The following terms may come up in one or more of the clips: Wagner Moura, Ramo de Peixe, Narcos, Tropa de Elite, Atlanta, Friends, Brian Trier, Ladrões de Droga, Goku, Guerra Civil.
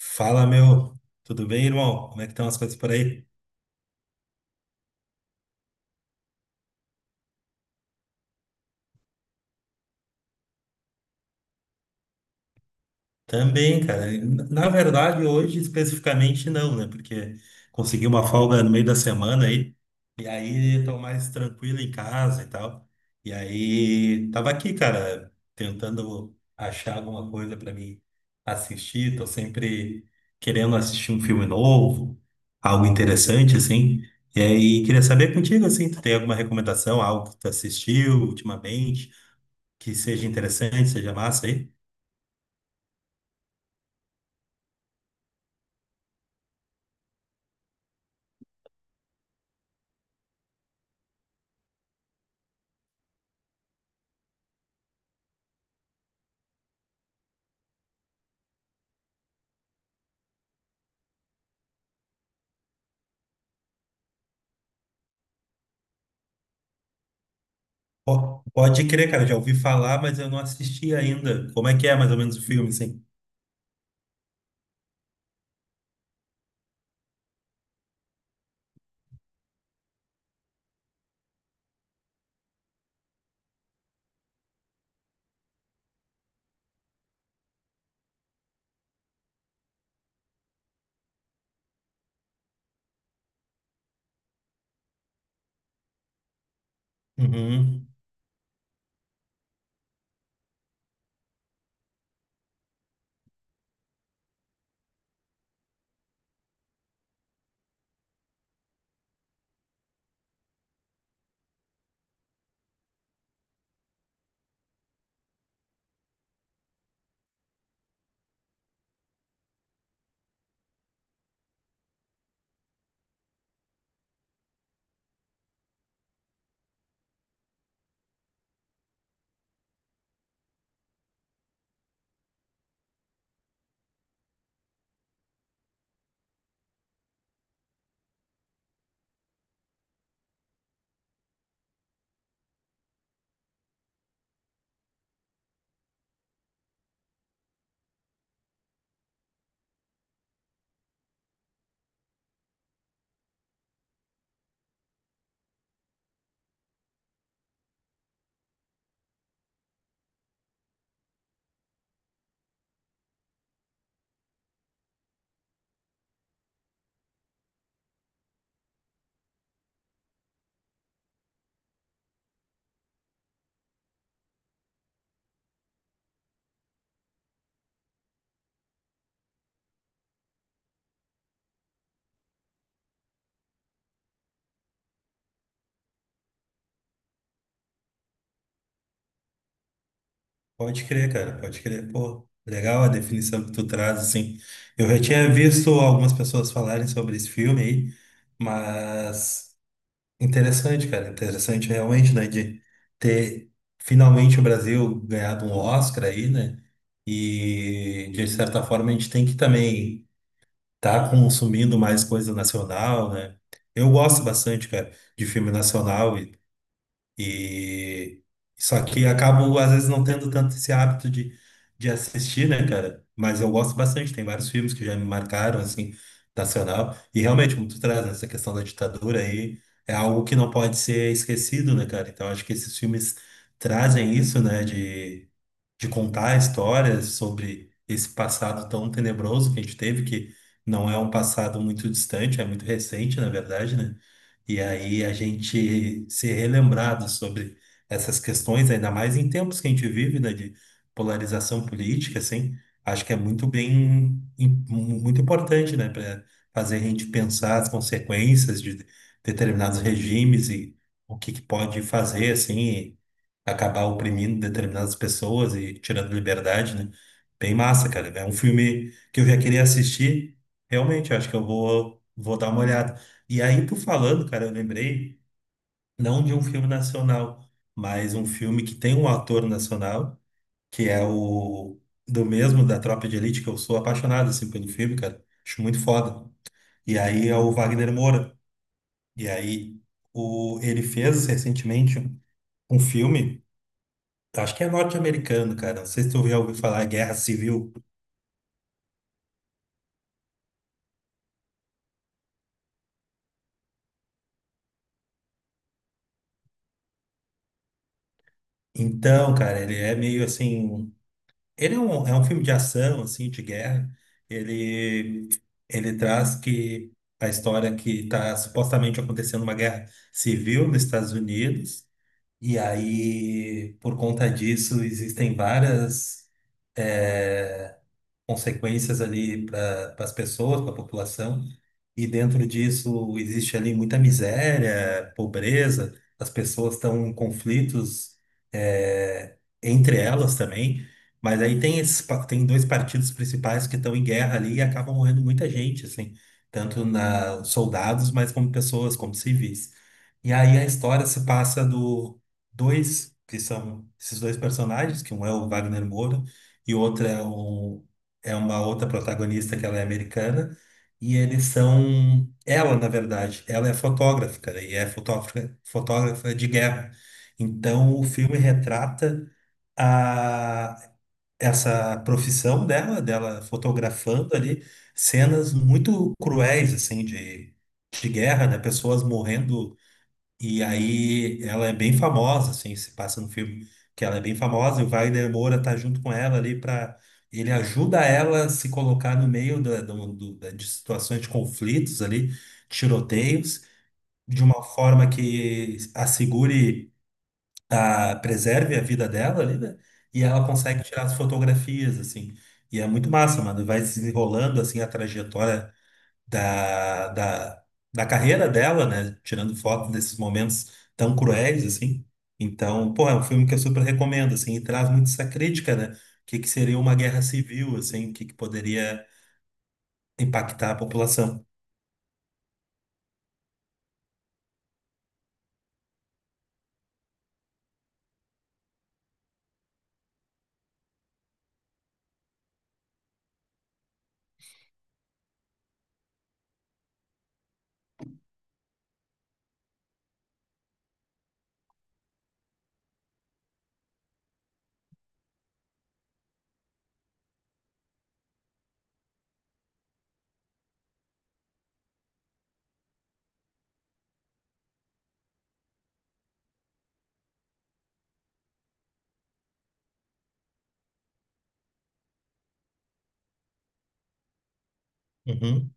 Fala, meu. Tudo bem, irmão? Como é que estão as coisas por aí? Também, cara. Na verdade, hoje especificamente não, né? Porque consegui uma folga no meio da semana aí. E aí tô mais tranquilo em casa e tal. E aí tava aqui, cara, tentando achar alguma coisa pra mim assistir. Tô sempre querendo assistir um filme novo, algo interessante, assim. E aí queria saber contigo, assim, tu tem alguma recomendação, algo que tu assistiu ultimamente, que seja interessante, seja massa aí? Pode crer, cara, já ouvi falar, mas eu não assisti ainda. Como é que é mais ou menos o filme, assim? Uhum. Pode crer, cara, pode crer. Pô, legal a definição que tu traz, assim. Eu já tinha visto algumas pessoas falarem sobre esse filme aí, mas interessante, cara, interessante realmente, né, de ter finalmente o Brasil ganhado um Oscar aí, né? E de certa forma a gente tem que também tá consumindo mais coisa nacional, né? Eu gosto bastante, cara, de filme nacional e só que acabo às vezes não tendo tanto esse hábito de assistir, né, cara? Mas eu gosto bastante, tem vários filmes que já me marcaram assim, nacional. E realmente, como tu traz, né, essa questão da ditadura aí, é algo que não pode ser esquecido, né, cara? Então acho que esses filmes trazem isso, né, de contar histórias sobre esse passado tão tenebroso que a gente teve, que não é um passado muito distante, é muito recente, na verdade, né? E aí a gente ser relembrado sobre essas questões, ainda mais em tempos que a gente vive, né, de polarização política, assim, acho que é muito bem, muito importante, né, para fazer a gente pensar as consequências de determinados regimes e o que que pode fazer, assim, acabar oprimindo determinadas pessoas e tirando liberdade, né? Bem massa, cara. É um filme que eu já queria assistir. Realmente, acho que eu vou dar uma olhada. E aí, tu falando, cara, eu lembrei não de um filme nacional, mas um filme que tem um ator nacional, que é o do mesmo da Tropa de Elite, que eu sou apaixonado assim pelo filme, cara. Acho muito foda. E aí é o Wagner Moura. E aí o ele fez recentemente um filme. Acho que é norte-americano, cara. Não sei se tu já ouviu falar Guerra Civil. Então, cara, ele é meio assim. É um filme de ação, assim, de guerra. Ele, ele traz que a história que está supostamente acontecendo uma guerra civil nos Estados Unidos. E aí, por conta disso, existem várias eh, consequências ali para as pessoas, para a população, e dentro disso existe ali muita miséria, pobreza, as pessoas estão em conflitos eh, entre elas também, mas aí tem, tem dois partidos principais que estão em guerra ali e acabam morrendo muita gente, assim, tanto na soldados, mas como pessoas, como civis. E aí a história se passa do dois, que são esses dois personagens, que um é o Wagner Moura e o outro é, é uma outra protagonista que ela é americana, e ela na verdade, ela é fotógrafa, cara, e é fotógrafa, fotógrafa de guerra. Então o filme retrata a, essa profissão dela, dela fotografando ali cenas muito cruéis, assim, de guerra, né? Pessoas morrendo, e aí ela é bem famosa, assim, se passa no filme que ela é bem famosa, e o Wagner Moura tá junto com ela ali para ele ajuda ela a se colocar no meio da, do- do- da- de situações de conflitos ali, tiroteios, de uma forma que assegure a preserve a vida dela ali, né? E ela consegue tirar as fotografias assim. E é muito massa, mano. Vai se desenrolando assim a trajetória da, da, da carreira dela, né? Tirando foto desses momentos tão cruéis, assim. Então, pô, é um filme que eu super recomendo, assim, e traz muito essa crítica, né? O que que seria uma guerra civil, assim, o que que poderia impactar a população. Uhum.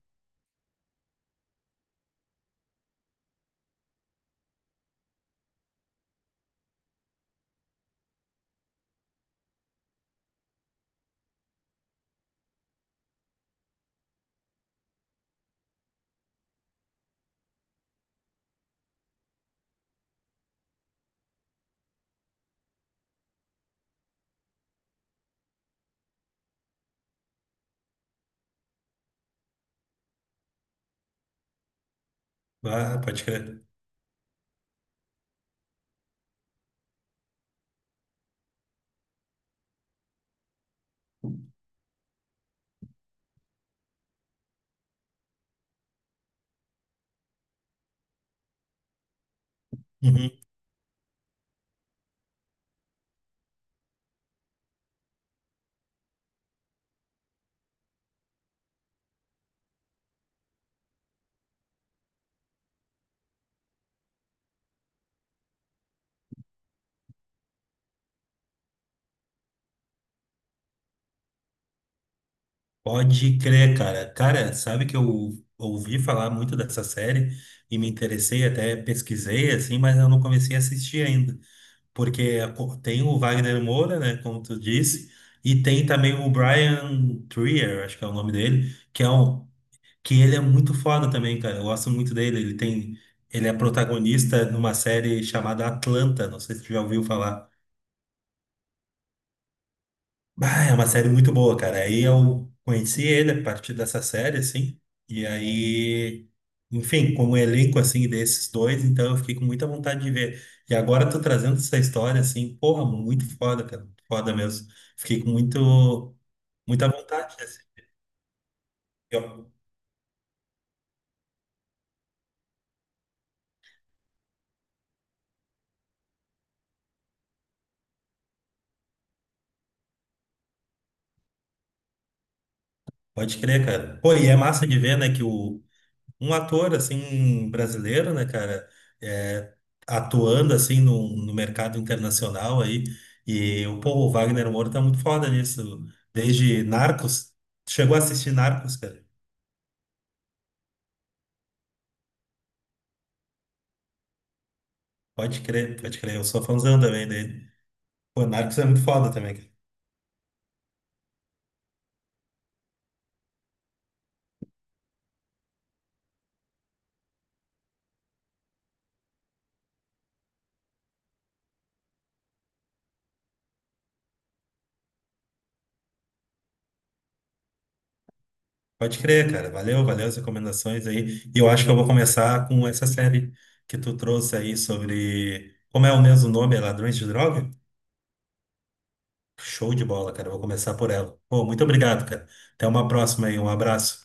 Ah, pode crer. Uhum. Pode crer, cara. Cara, sabe que eu ouvi falar muito dessa série e me interessei, até pesquisei, assim, mas eu não comecei a assistir ainda, porque tem o Wagner Moura, né, como tu disse, e tem também o Brian Trier, acho que é o nome dele, que é um que ele é muito foda também, cara. Eu gosto muito dele. Ele é protagonista numa série chamada Atlanta, não sei se tu já ouviu falar. Ah, é uma série muito boa, cara. Aí eu conheci ele a partir dessa série, assim. E aí, enfim, como elenco, assim, desses dois, então eu fiquei com muita vontade de ver. E agora eu tô trazendo essa história, assim, porra, muito foda, cara. Foda mesmo. Fiquei com muito, assim. Eu- Pode crer, cara. Pô, e é massa de ver, né, que o, um ator assim brasileiro, né, cara, é, atuando assim no mercado internacional aí, e o povo Wagner Moura tá muito foda nisso. Desde Narcos, chegou a assistir Narcos, cara. Pode crer, eu sou fãzão também dele. Pô, Narcos é muito foda também, cara. Pode crer, cara. Valeu, valeu as recomendações aí. E eu acho que eu vou começar com essa série que tu trouxe aí. Sobre como é o mesmo nome, é Ladrões de Droga? Show de bola, cara. Eu vou começar por ela. Pô, muito obrigado, cara. Até uma próxima aí. Um abraço.